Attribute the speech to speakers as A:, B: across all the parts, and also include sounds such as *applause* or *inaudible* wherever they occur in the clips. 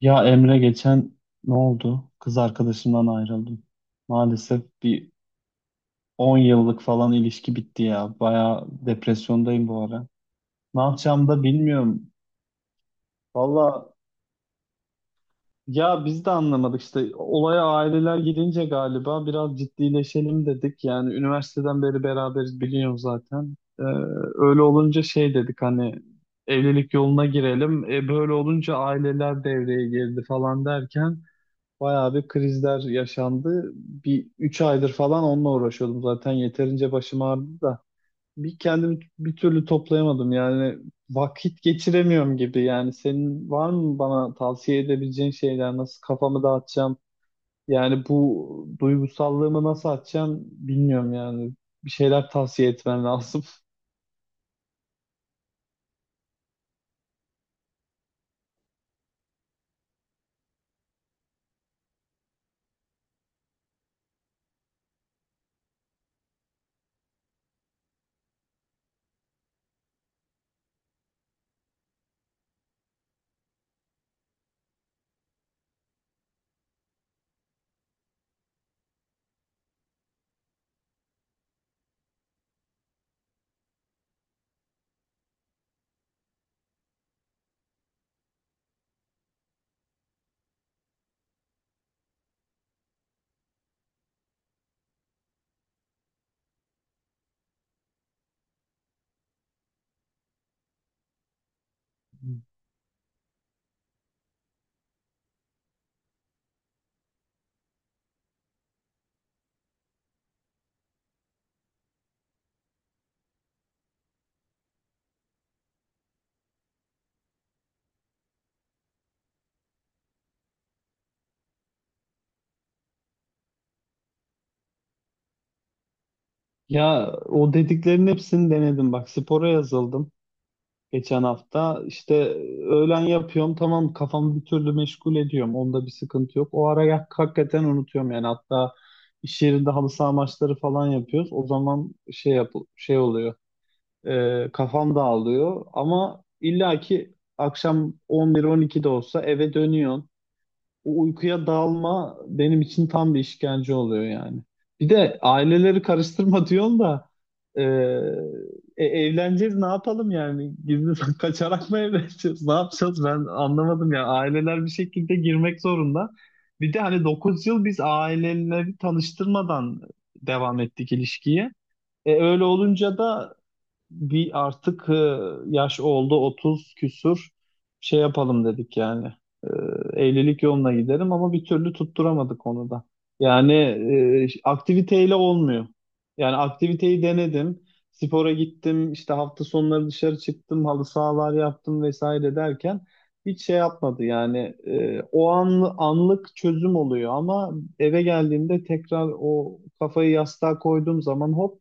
A: Ya Emre geçen ne oldu? Kız arkadaşımdan ayrıldım. Maalesef bir 10 yıllık falan ilişki bitti ya. Baya depresyondayım bu ara. Ne yapacağımı da bilmiyorum. Valla ya biz de anlamadık işte. Olaya aileler girince galiba biraz ciddileşelim dedik. Yani üniversiteden beri beraberiz biliyorum zaten. Öyle olunca şey dedik hani evlilik yoluna girelim. Böyle olunca aileler devreye girdi falan derken bayağı bir krizler yaşandı. Bir 3 aydır falan onunla uğraşıyordum zaten. Yeterince başım ağrıdı da. Bir türlü toplayamadım. Yani vakit geçiremiyorum gibi. Yani senin var mı bana tavsiye edebileceğin şeyler? Nasıl kafamı dağıtacağım? Yani bu duygusallığımı nasıl atacağım bilmiyorum yani. Bir şeyler tavsiye etmen lazım. *laughs* Ya o dediklerin hepsini denedim. Bak spora yazıldım. Geçen hafta işte öğlen yapıyorum tamam kafamı bir türlü meşgul ediyorum onda bir sıkıntı yok. Hakikaten unutuyorum yani hatta iş yerinde halı saha maçları falan yapıyoruz. O zaman şey yap şey oluyor, kafam dağılıyor ama illaki akşam 11-12'de olsa eve dönüyorsun, o uykuya dalma benim için tam bir işkence oluyor yani. Bir de aileleri karıştırma *laughs* diyorsun da e, evleneceğiz ne yapalım yani? Gizli *laughs* kaçarak mı evleneceğiz? Ne yapacağız? Ben anlamadım ya. Aileler bir şekilde girmek zorunda. Bir de hani 9 yıl biz aileleri tanıştırmadan devam ettik ilişkiye. Öyle olunca da bir artık yaş oldu 30 küsur şey yapalım dedik yani. E, evlilik yoluna gidelim ama bir türlü tutturamadık onu da. Yani aktiviteyle olmuyor. Yani aktiviteyi denedim. Spora gittim, işte hafta sonları dışarı çıktım, halı sahalar yaptım vesaire derken hiç şey yapmadı yani. Anlık çözüm oluyor ama eve geldiğimde tekrar o kafayı yastığa koyduğum zaman hop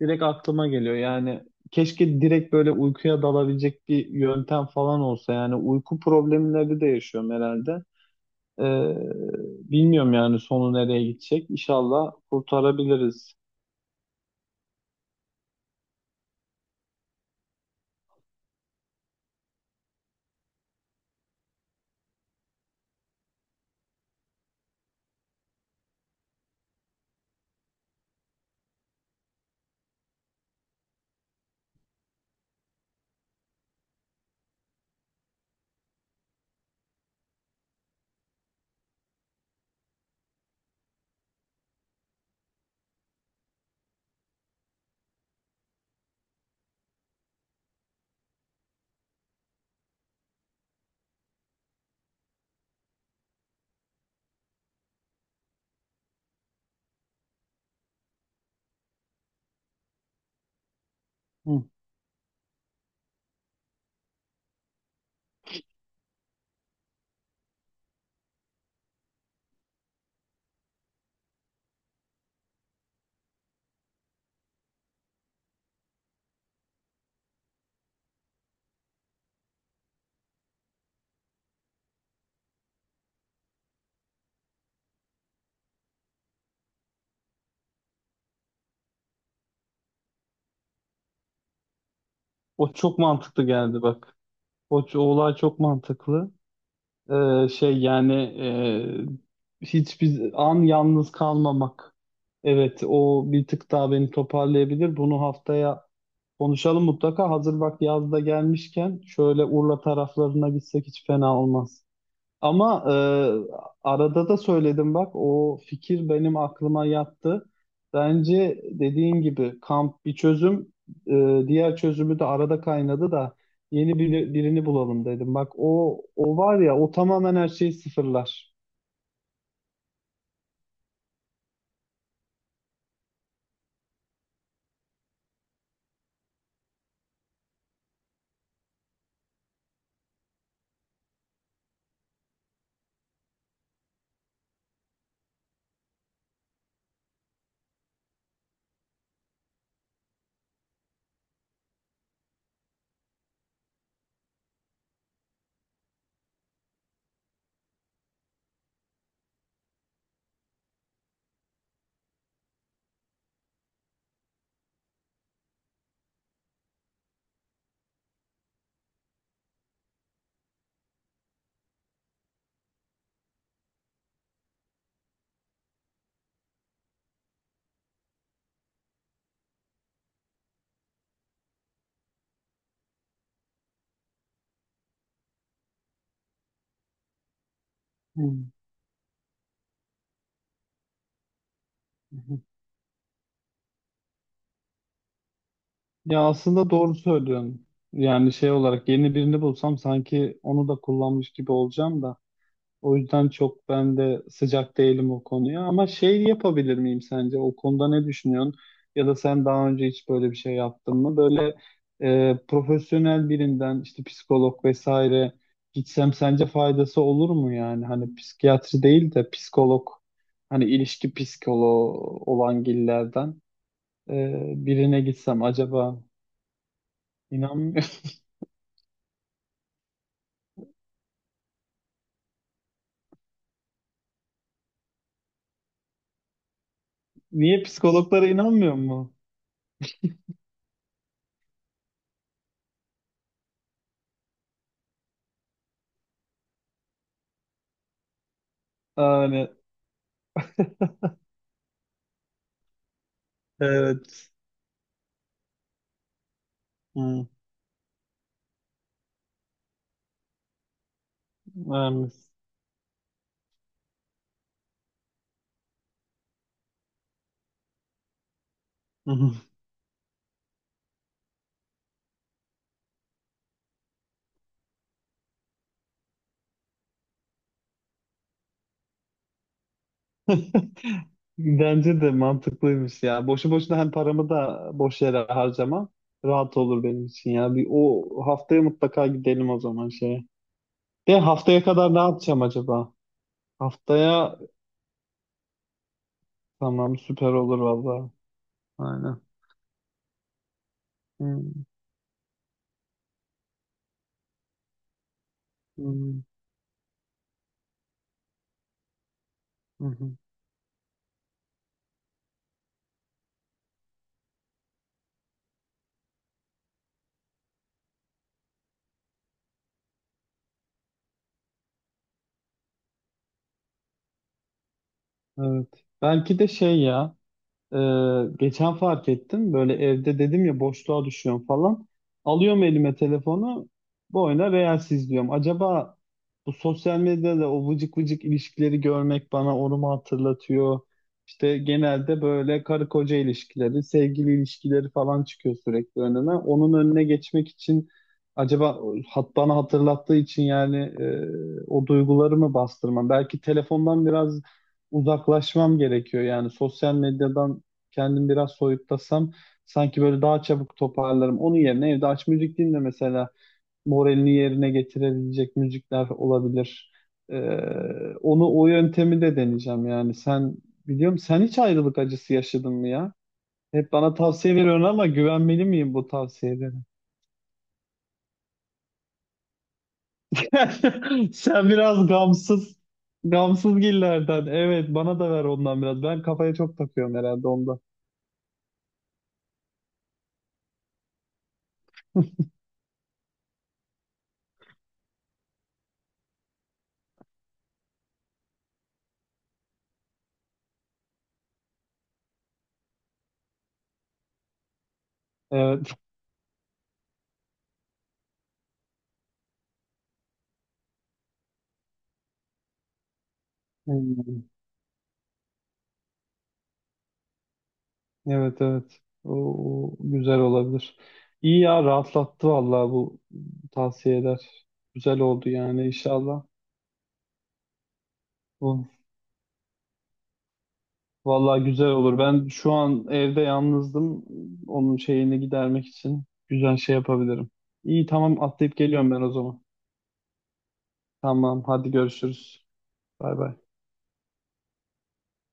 A: direkt aklıma geliyor. Yani keşke direkt böyle uykuya dalabilecek bir yöntem falan olsa. Yani uyku problemleri de yaşıyorum herhalde. Ee, bilmiyorum yani sonu nereye gidecek. İnşallah kurtarabiliriz. Hı. O çok mantıklı geldi bak. O olay çok mantıklı. Şey yani, hiçbir an yalnız kalmamak. Evet, o bir tık daha beni toparlayabilir. Bunu haftaya konuşalım mutlaka. Hazır bak yazda gelmişken şöyle Urla taraflarına gitsek hiç fena olmaz. Ama arada da söyledim bak o fikir benim aklıma yattı. Bence dediğin gibi kamp bir çözüm, diğer çözümü de arada kaynadı da birini bulalım dedim. Bak o o var ya o tamamen her şeyi sıfırlar. Hı. Ya aslında doğru söylüyorsun. Yani şey olarak yeni birini bulsam sanki onu da kullanmış gibi olacağım da. O yüzden çok ben de sıcak değilim o konuya. Ama şey yapabilir miyim sence? O konuda ne düşünüyorsun? Ya da sen daha önce hiç böyle bir şey yaptın mı? Böyle profesyonel birinden işte psikolog vesaire gitsem sence faydası olur mu yani? Hani psikiyatri değil de psikolog, hani ilişki psikoloğu olan gillerden, e, birine gitsem acaba inanmıyor. *laughs* Niye psikologlara inanmıyor mu? Yani evet. Hı, vermiş. *laughs* *laughs* Bence de mantıklıymış ya. Boşu boşuna hem paramı da boş yere harcamam. Rahat olur benim için ya. Bir o haftaya mutlaka gidelim o zaman şeye. De haftaya kadar ne yapacağım acaba? Haftaya tamam süper olur vallahi. Aynen. Hmm. Hmm. Hı hı. Evet. Belki de şey ya. Ee, geçen fark ettim. Böyle evde dedim ya boşluğa düşüyorum falan. Alıyorum elime telefonu. Bu oyuna Reels izliyorum. Acaba bu sosyal medyada o vıcık vıcık ilişkileri görmek bana onu mu hatırlatıyor? İşte genelde böyle karı koca ilişkileri, sevgili ilişkileri falan çıkıyor sürekli önüme. Onun önüne geçmek için acaba bana hatırlattığı için yani, o duyguları mı bastırmam? Belki telefondan biraz uzaklaşmam gerekiyor. Yani sosyal medyadan kendim biraz soyutlasam sanki böyle daha çabuk toparlarım. Onun yerine evde aç müzik dinle mesela, moralini yerine getirebilecek müzikler olabilir. Ee, onu o yöntemi de deneyeceğim yani. Biliyorum sen hiç ayrılık acısı yaşadın mı ya? Hep bana tavsiye veriyorsun ama güvenmeli miyim bu tavsiyelere? *laughs* Sen biraz gamsız, gamsız gillerden. Evet, bana da ver ondan biraz. Ben kafaya çok takıyorum herhalde onda. Evet. *laughs* Evet, evet. O, o güzel olabilir. İyi ya, rahatlattı vallahi bu tavsiyeler. Güzel oldu yani inşallah. Bu vallahi güzel olur. Ben şu an evde yalnızdım. Onun şeyini gidermek için güzel şey yapabilirim. İyi tamam atlayıp geliyorum ben o zaman. Tamam hadi görüşürüz. Bay bay.